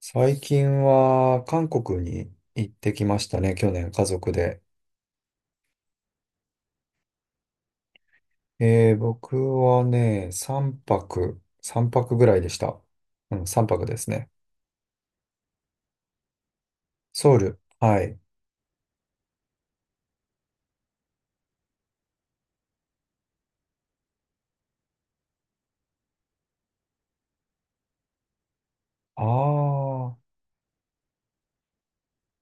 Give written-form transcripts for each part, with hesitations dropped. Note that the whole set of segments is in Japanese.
最近は韓国に行ってきましたね、去年家族で。僕はね、3泊ぐらいでした。うん、3泊ですね。ソウル。はい。ああ、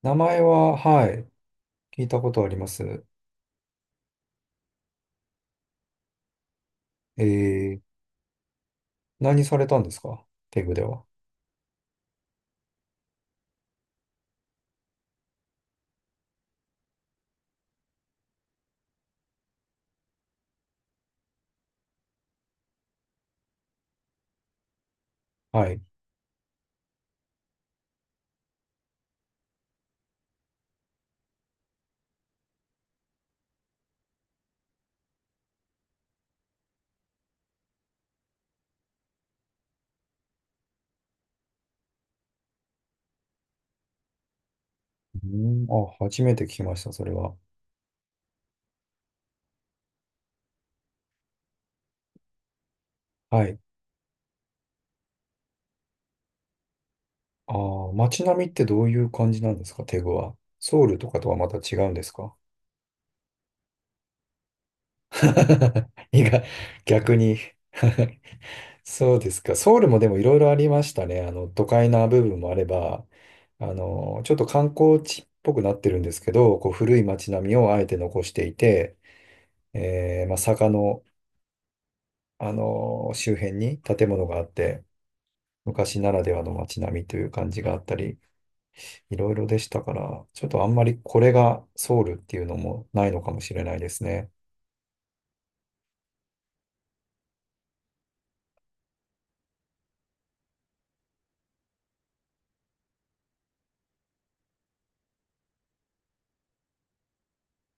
名前は、はい、聞いたことあります。えー、何されたんですかテグでは？はい。うん、あ、初めて聞きました、それは。はい。ああ、街並みってどういう感じなんですかテグは？ソウルとかとはまた違うんですか？ 意外、逆に。 そうですか。ソウルもでもいろいろありましたね。あの、都会な部分もあれば、あの、ちょっと観光地っぽくなってるんですけど、こう古い街並みをあえて残していて、まあ、坂の、あの、周辺に建物があって、昔ならではの街並みという感じがあったり、いろいろでしたから、ちょっとあんまりこれがソウルっていうのもないのかもしれないですね。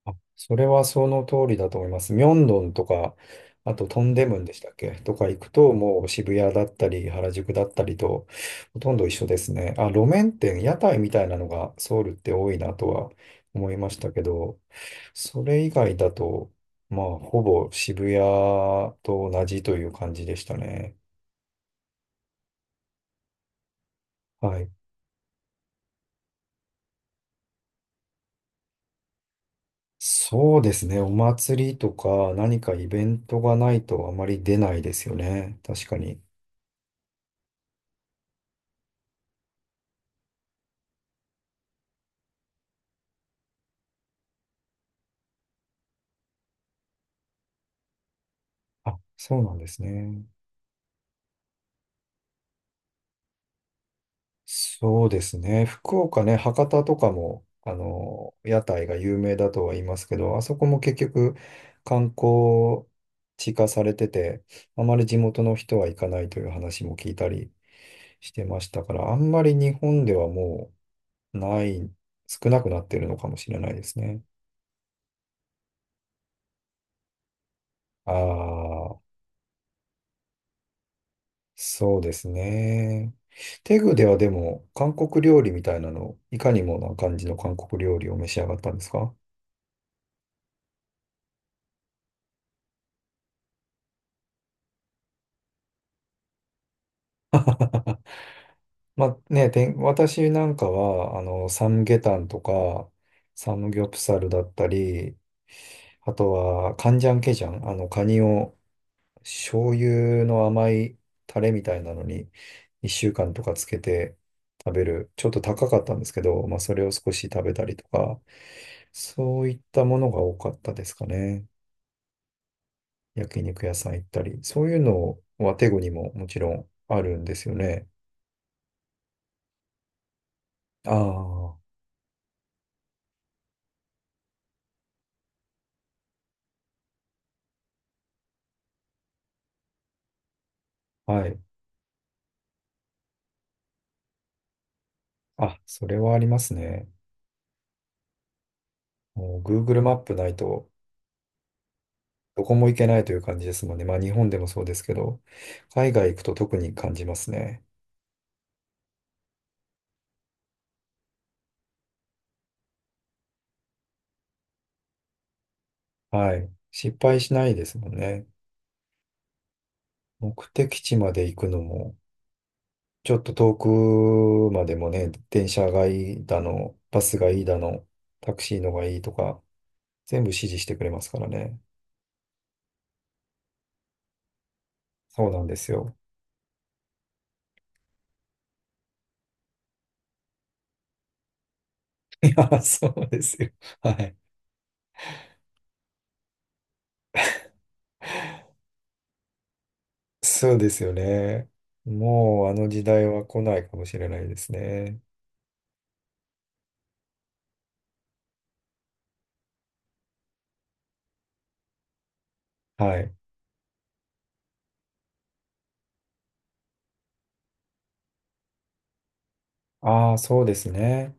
あ、それはその通りだと思います。ミョンドンとか、あとトンデムンでしたっけとか行くと、もう渋谷だったり、原宿だったりと、ほとんど一緒ですね。あ、路面店、屋台みたいなのがソウルって多いなとは思いましたけど、それ以外だと、まあ、ほぼ渋谷と同じという感じでしたね。はい。そうですね。お祭りとか何かイベントがないとあまり出ないですよね。確かに。あ、そうなんですね。そうですね。福岡ね、博多とかも、あの、屋台が有名だとは言いますけど、あそこも結局観光地化されてて、あまり地元の人は行かないという話も聞いたりしてましたから、あんまり日本ではもうない、少なくなってるのかもしれないですね。ああ、そうですね。テグではでも、韓国料理みたいなの、いかにもな感じの韓国料理を召し上がったんですか？ まあね、私なんかは、あの、サムゲタンとか、サムギョプサルだったり、あとは、カンジャンケジャン、あの、カニを醤油の甘いタレみたいなのに、1週間とかつけて食べる、ちょっと高かったんですけど、まあ、それを少し食べたりとか、そういったものが多かったですかね。焼肉屋さん行ったり、そういうのはテゴにももちろんあるんですよね。ああ、はい。あ、それはありますね。もう Google マップないとどこも行けないという感じですもんね。まあ日本でもそうですけど、海外行くと特に感じますね。はい。失敗しないですもんね。目的地まで行くのも、ちょっと遠くまでもね、電車がいいだの、バスがいいだの、タクシーのがいいとか、全部指示してくれますからね。そうなんですよ。いや、そうですよ。はい。そうですよね。もうあの時代は来ないかもしれないですね。はい。ああ、そうですね。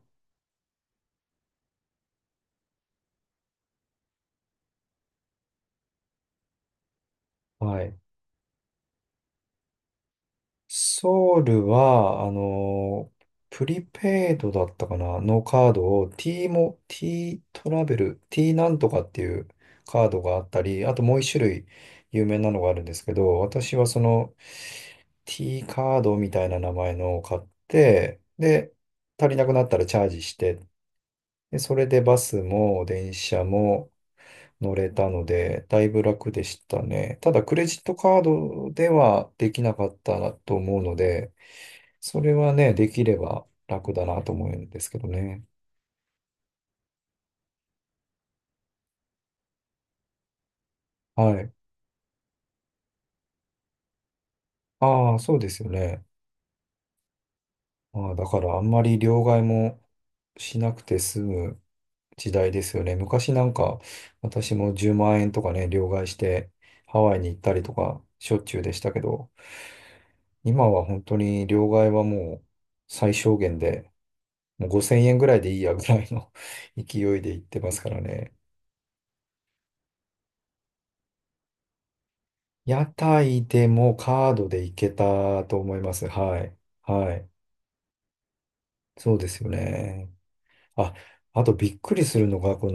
はい。ソウルは、プリペイドだったかなのカードを T も、T トラベル、T なんとかっていうカードがあったり、あともう一種類有名なのがあるんですけど、私はその T カードみたいな名前のを買って、で、足りなくなったらチャージして、で、それでバスも電車も、乗れたので、だいぶ楽でしたね。ただ、クレジットカードではできなかったなと思うので、それはね、できれば楽だなと思うんですけどね。はい。ああ、そうですよね。ああ、だからあんまり両替もしなくて済む時代ですよね。昔なんか私も10万円とかね、両替してハワイに行ったりとかしょっちゅうでしたけど、今は本当に両替はもう最小限でもう5000円ぐらいでいいやぐらいの 勢いで行ってますからね。屋台でもカードで行けたと思います。はい。はい。そうですよね。あ、あとびっくりするのが、こ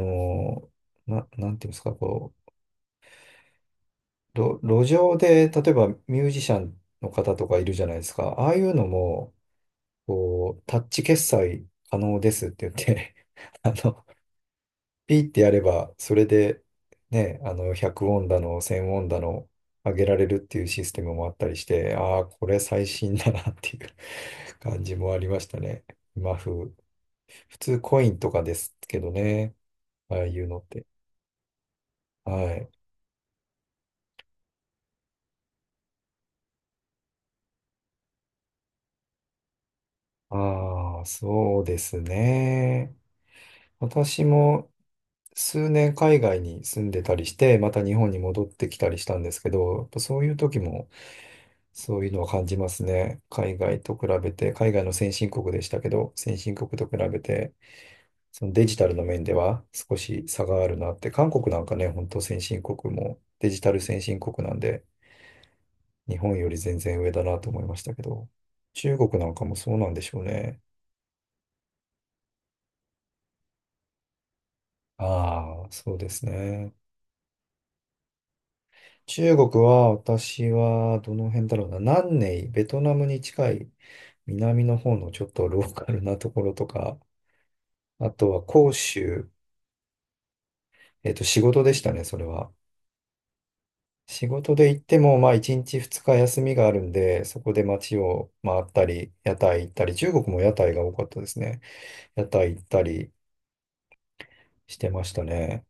の、なんていうんですか、こう、路上で、例えばミュージシャンの方とかいるじゃないですか。ああいうのも、こう、タッチ決済可能ですって言って あの、ピーってやれば、それで、ね、あの、100ウォンだの、1000ウォンだの、上げられるっていうシステムもあったりして、ああ、これ最新だなっていう 感じもありましたね。今風。普通コインとかですけどね、ああいうのって。はい。ああ、そうですね。私も数年海外に住んでたりして、また日本に戻ってきたりしたんですけど、やっぱそういう時もそういうのは感じますね。海外と比べて、海外の先進国でしたけど、先進国と比べて、そのデジタルの面では少し差があるなって、韓国なんかね、本当先進国もデジタル先進国なんで、日本より全然上だなと思いましたけど、中国なんかもそうなんでしょうね。ああ、そうですね。中国は私はどの辺だろうな、南寧、ベトナムに近い南の方のちょっとローカルなところとか、あとは広州、仕事でしたね、それは。仕事で行っても、まあ、1日2日休みがあるんで、そこで街を回ったり、屋台行ったり、中国も屋台が多かったですね。屋台行ったりしてましたね。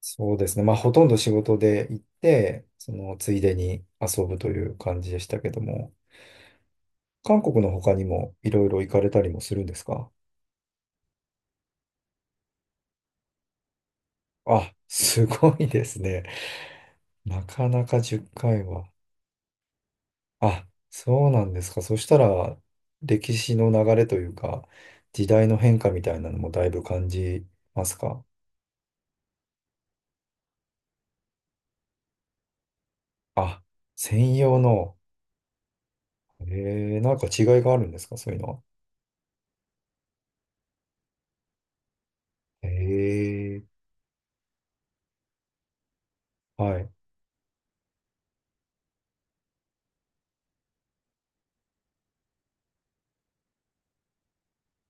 そうですね。まあ、ほとんど仕事で行って、その、ついでに遊ぶという感じでしたけども、韓国の他にもいろいろ行かれたりもするんですか？あ、すごいですね。なかなか10回は。あ、そうなんですか。そしたら、歴史の流れというか、時代の変化みたいなのもだいぶ感じますか？あ、専用の、なんか違いがあるんですかそういうのは？えはい。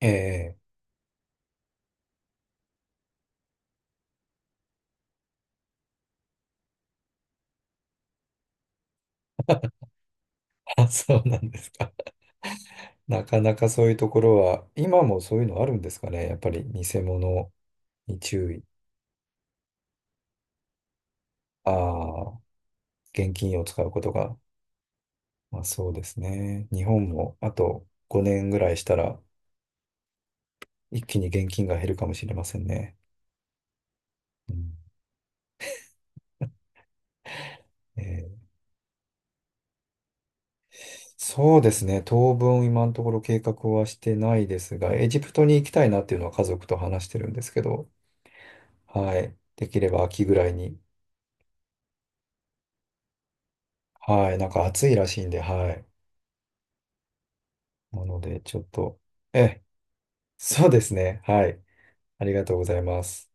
ええ。 あ、そうなんですか。なかなかそういうところは、今もそういうのあるんですかね。やっぱり偽物に注意。ああ、現金を使うことが、まあそうですね。日本もあと5年ぐらいしたら、一気に現金が減るかもしれませんね。うん、えーそうですね。当分今のところ計画はしてないですが、エジプトに行きたいなっていうのは家族と話してるんですけど、はい。できれば秋ぐらいに。はい。なんか暑いらしいんで、はい。なので、ちょっと、ええ、そうですね。はい。ありがとうございます。